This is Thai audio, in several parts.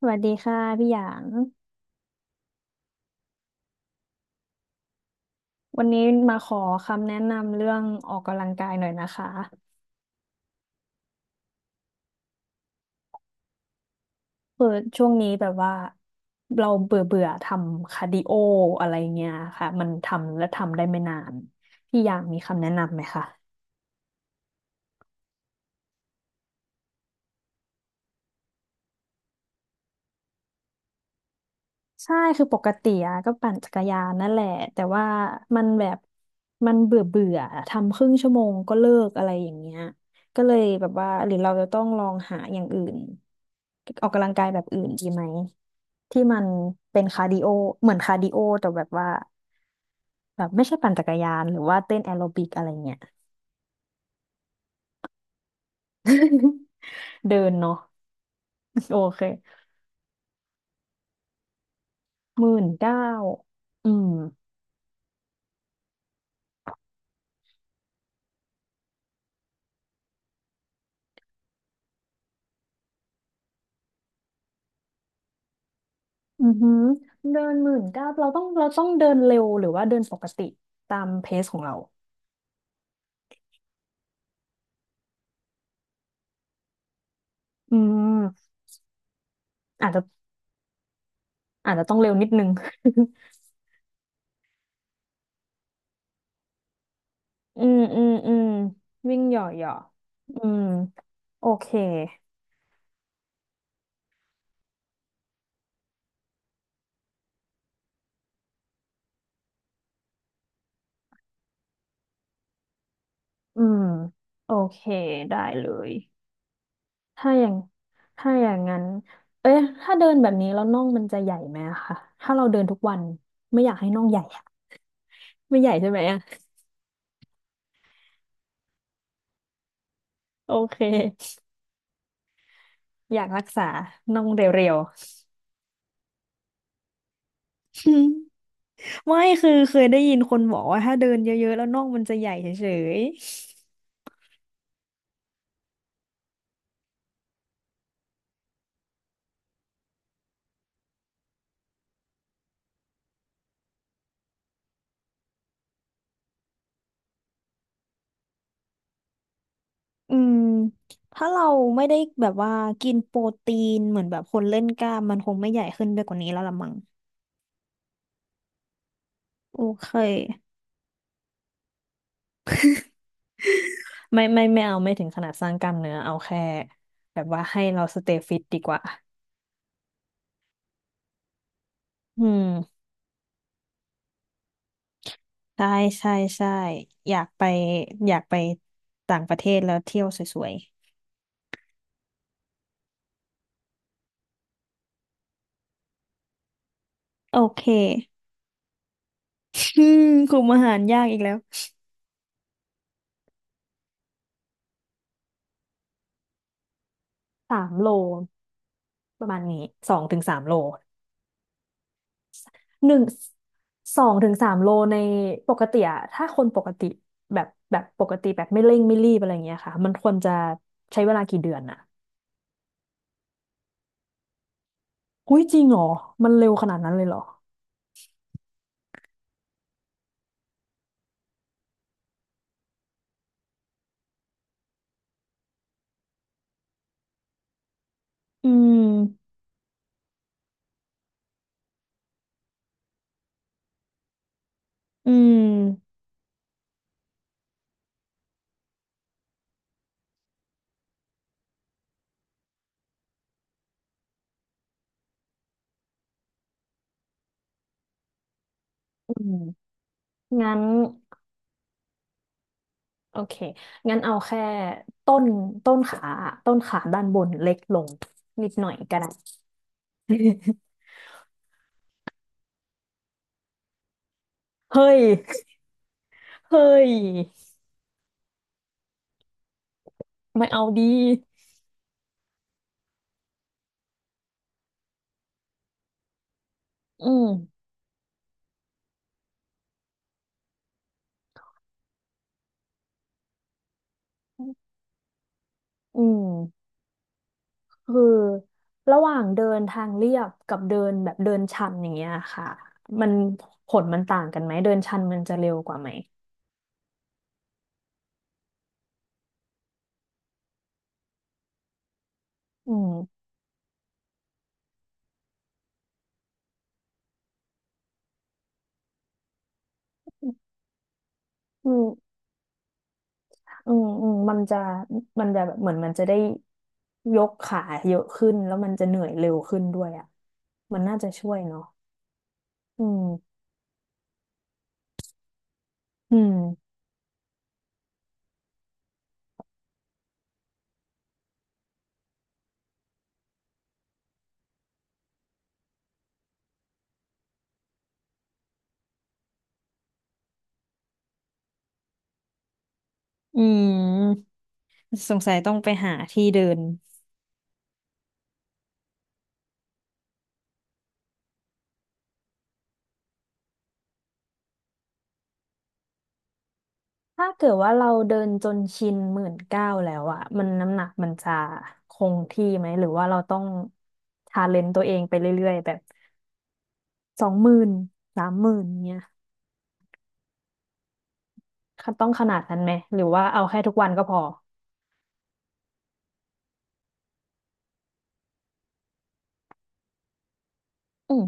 สวัสดีค่ะพี่หยาง วันนี้มาขอคำแนะนำเรื่องออกกำลังกายหน่อยนะคะคือช่วงนี้แบบว่าเราเบื่อเบื่อทำคาร์ดิโออะไรเงี้ยค่ะมันทำและทำได้ไม่นานพี่หยางมีคำแนะนำไหมคะ ใช่คือปกติอะก็ปั่นจักรยานนั่นแหละแต่ว่ามันแบบมันเบื่อเบื่อทำครึ่งชั่วโมงก็เลิกอะไรอย่างเงี้ยก็เลยแบบว่าหรือเราจะต้องลองหาอย่างอื่นออกกำลังกายแบบอื่นดีไหมที่มันเป็นคาร์ดิโอเหมือนคาร์ดิโอแต่แบบว่าแบบไม่ใช่ปั่นจักรยานหรือว่าเต้นแอโรบิกอะไรเงี้ย เดินเนาะโอเค19,000อืม อือหือเดิน19,000เราต้องเดินเร็วหรือว่าเดินปกติตามเพซของเราอืมอาจจะอาจจะต้องเร็วนิดนึง อืมอืมอืมวิ่งเหย่อเหย่ออืมโอเคอืมโอเคได้เลยถ้าอย่างถ้าอย่างนั้นเอ๊ะถ้าเดินแบบนี้แล้วน่องมันจะใหญ่ไหมอะคะถ้าเราเดินทุกวันไม่อยากให้น่องใหญ่อะไม่ใหญ่ใช่ไหมอะโอเคอยากรักษาน่องเรียวๆ ไม่คือเคยได้ยินคนบอกว่าถ้าเดินเยอะๆแล้วน่องมันจะใหญ่เฉยๆอืมถ้าเราไม่ได้แบบว่ากินโปรตีนเหมือนแบบคนเล่นกล้ามมันคงไม่ใหญ่ขึ้นไปกว่านี้แล้วละมั้งโอเคไม่ไม่ไม่เอาไม่ถึงขนาดสร้างกล้ามเนื้อเอาแค่แบบว่าให้เราสเตย์ฟิตดีกว่าอืมใช่ใช่ใช่อยากไปอยากไปต่างประเทศแล้วเที่ยวสวยๆโอเค อืมกลุ่มอาหารยากอีกแล้วสามโล ประมาณนี้2 ถึง 3 โลหนึ่งสองถึงสามโลในปกติอะถ้าคนปกติแบบแบบปกติแบบไม่เร่งไม่รีบอะไรเงี้ยค่ะมันควรจะใช้เวลากี่เดือนอะอุ้ยจริงเหรอมันเร็วขนาดนั้นเลยเหรออืมอืมอืมงั้นโอเคงั้นเอาแค่ต้นต้นขาอะต้นขาด้านบนเล็กลงนิดหน่อยก็ได้ เฮ้ยเฮ้ยไม่เอาดีอืมอืม คือระหว่างเดินทางเรียบกับเดินแบบเดินชันอย่างเงี้ยค่ะมันผลมันต่างกันไหมเดินชันมันจะเร็วกว่าไหมอืมอืมอืมอืมมันจะมันจะแบบเหมือนมันจะได้ยกขาเยอะขึ้นแล้วมันจะเหนื่อยเร็วขึ้นด้วยอ่ะมันน่าจะช่วยเนาะอืมอืมอืมสงสัยต้องไปหาที่เดิน ถ้าเกิดว่าเราเดินจนชินหมื่นเก้าแล้วอะมันน้ำหนักมันจะคงที่ไหมหรือว่าเราต้องชาเลนจ์ตัวเองไปเรื่อยๆแบบ20,000 30,000เนี้ยต้องขนาดนั้นไหมหรือว่าเอาแค่ทุกวันก็พออืม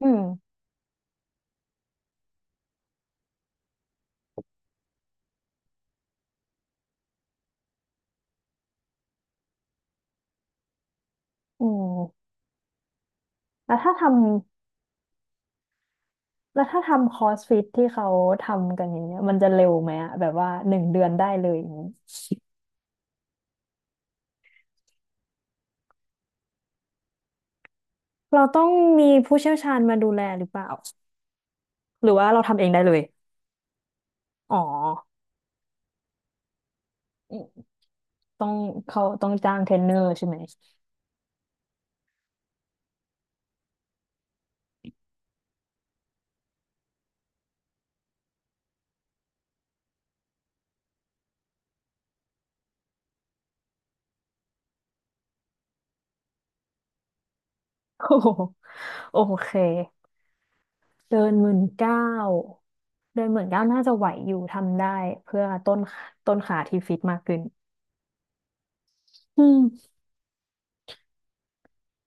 อืมอืมแล้วถ้าทแล้วถ้าทำคอสฟิตที่เขาทำกันอย่างเงี้ยมันจะเร็วไหมอะแบบว่า1 เดือนได้เลยอย่างงี้เราต้องมีผู้เชี่ยวชาญมาดูแลหรือเปล่าหรือว่าเราทำเองได้เลยอ๋อ ต้องเขาต้องจ้างเทรนเนอร์ใช่ไหมโอ้โห โอเคเดิน19,000เดินหมื่นเก้าน่าจะไหวอยู่ทำได้เพื่อต้นขาที่ฟิตมากขึ้นอืม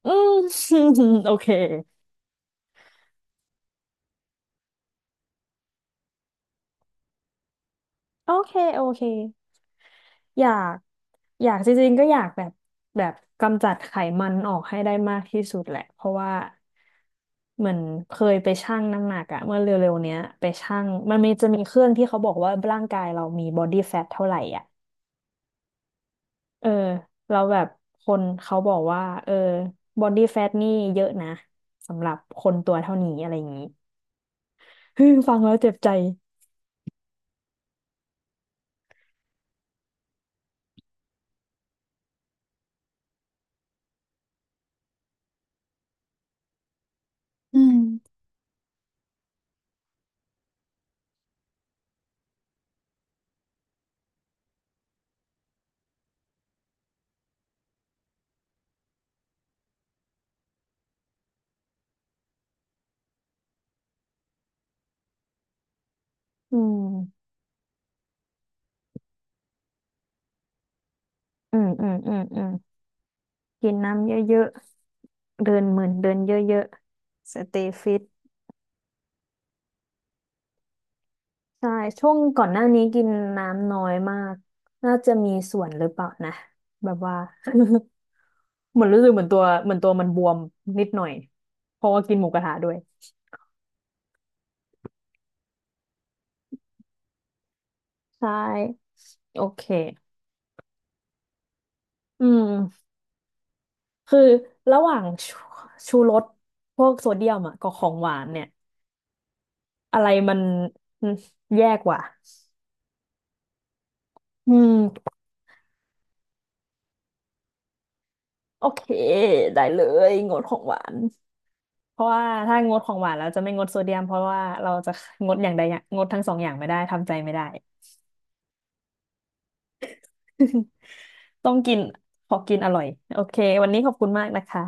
อืม โอเคโอเคโอเคอยากอยากจริงๆก็อยากแบบแบบกำจัดไขมันออกให้ได้มากที่สุดแหละเพราะว่าเหมือนเคยไปชั่งน้ำหนักอะเมื่อเร็วๆเนี้ยไปชั่งมันมีจะมีเครื่องที่เขาบอกว่าร่างกายเรามีบอดี้แฟทเท่าไหร่อะ เออเราแล้วแบบคนเขาบอกว่าเออบอดี้แฟทนี่เยอะนะสำหรับคนตัวเท่านี้อะไรอย่างนี้ ฮึมฟังแล้วเจ็บใจอืมอืมอืมอืมอืมอืมกินน้ำเยอะๆเดินเหมือนเดินเยอะๆสเตย์ฟิตใช่ช่วงก่อนหน้านี้กินน้ำน้อยมากน่าจะมีส่วนหรือเปล่านะแบบว่า เหมือนรู้สึกเหมือนตัวเหมือนตัวมันบวมนิดหน่อยเพราะว่ากินหมูกระทะด้วยใช่โอเคอืม คือระหว่างชูรสพวกโซเดียมอ่ะกับของหวานเนี่ยอะไรมันอืมแยกกว่าอืมโอเคได้เลยงดของหวานเพราะว่าถ้างดของหวานเราจะไม่งดโซเดียมเพราะว่าเราจะงดอย่างใดอย่างงดทั้งสองอย่างไม่ได้ทำใจไม่ได้ ต้องกินขอกินอร่อยโอเควันนี้ขอบคุณมากนะคะ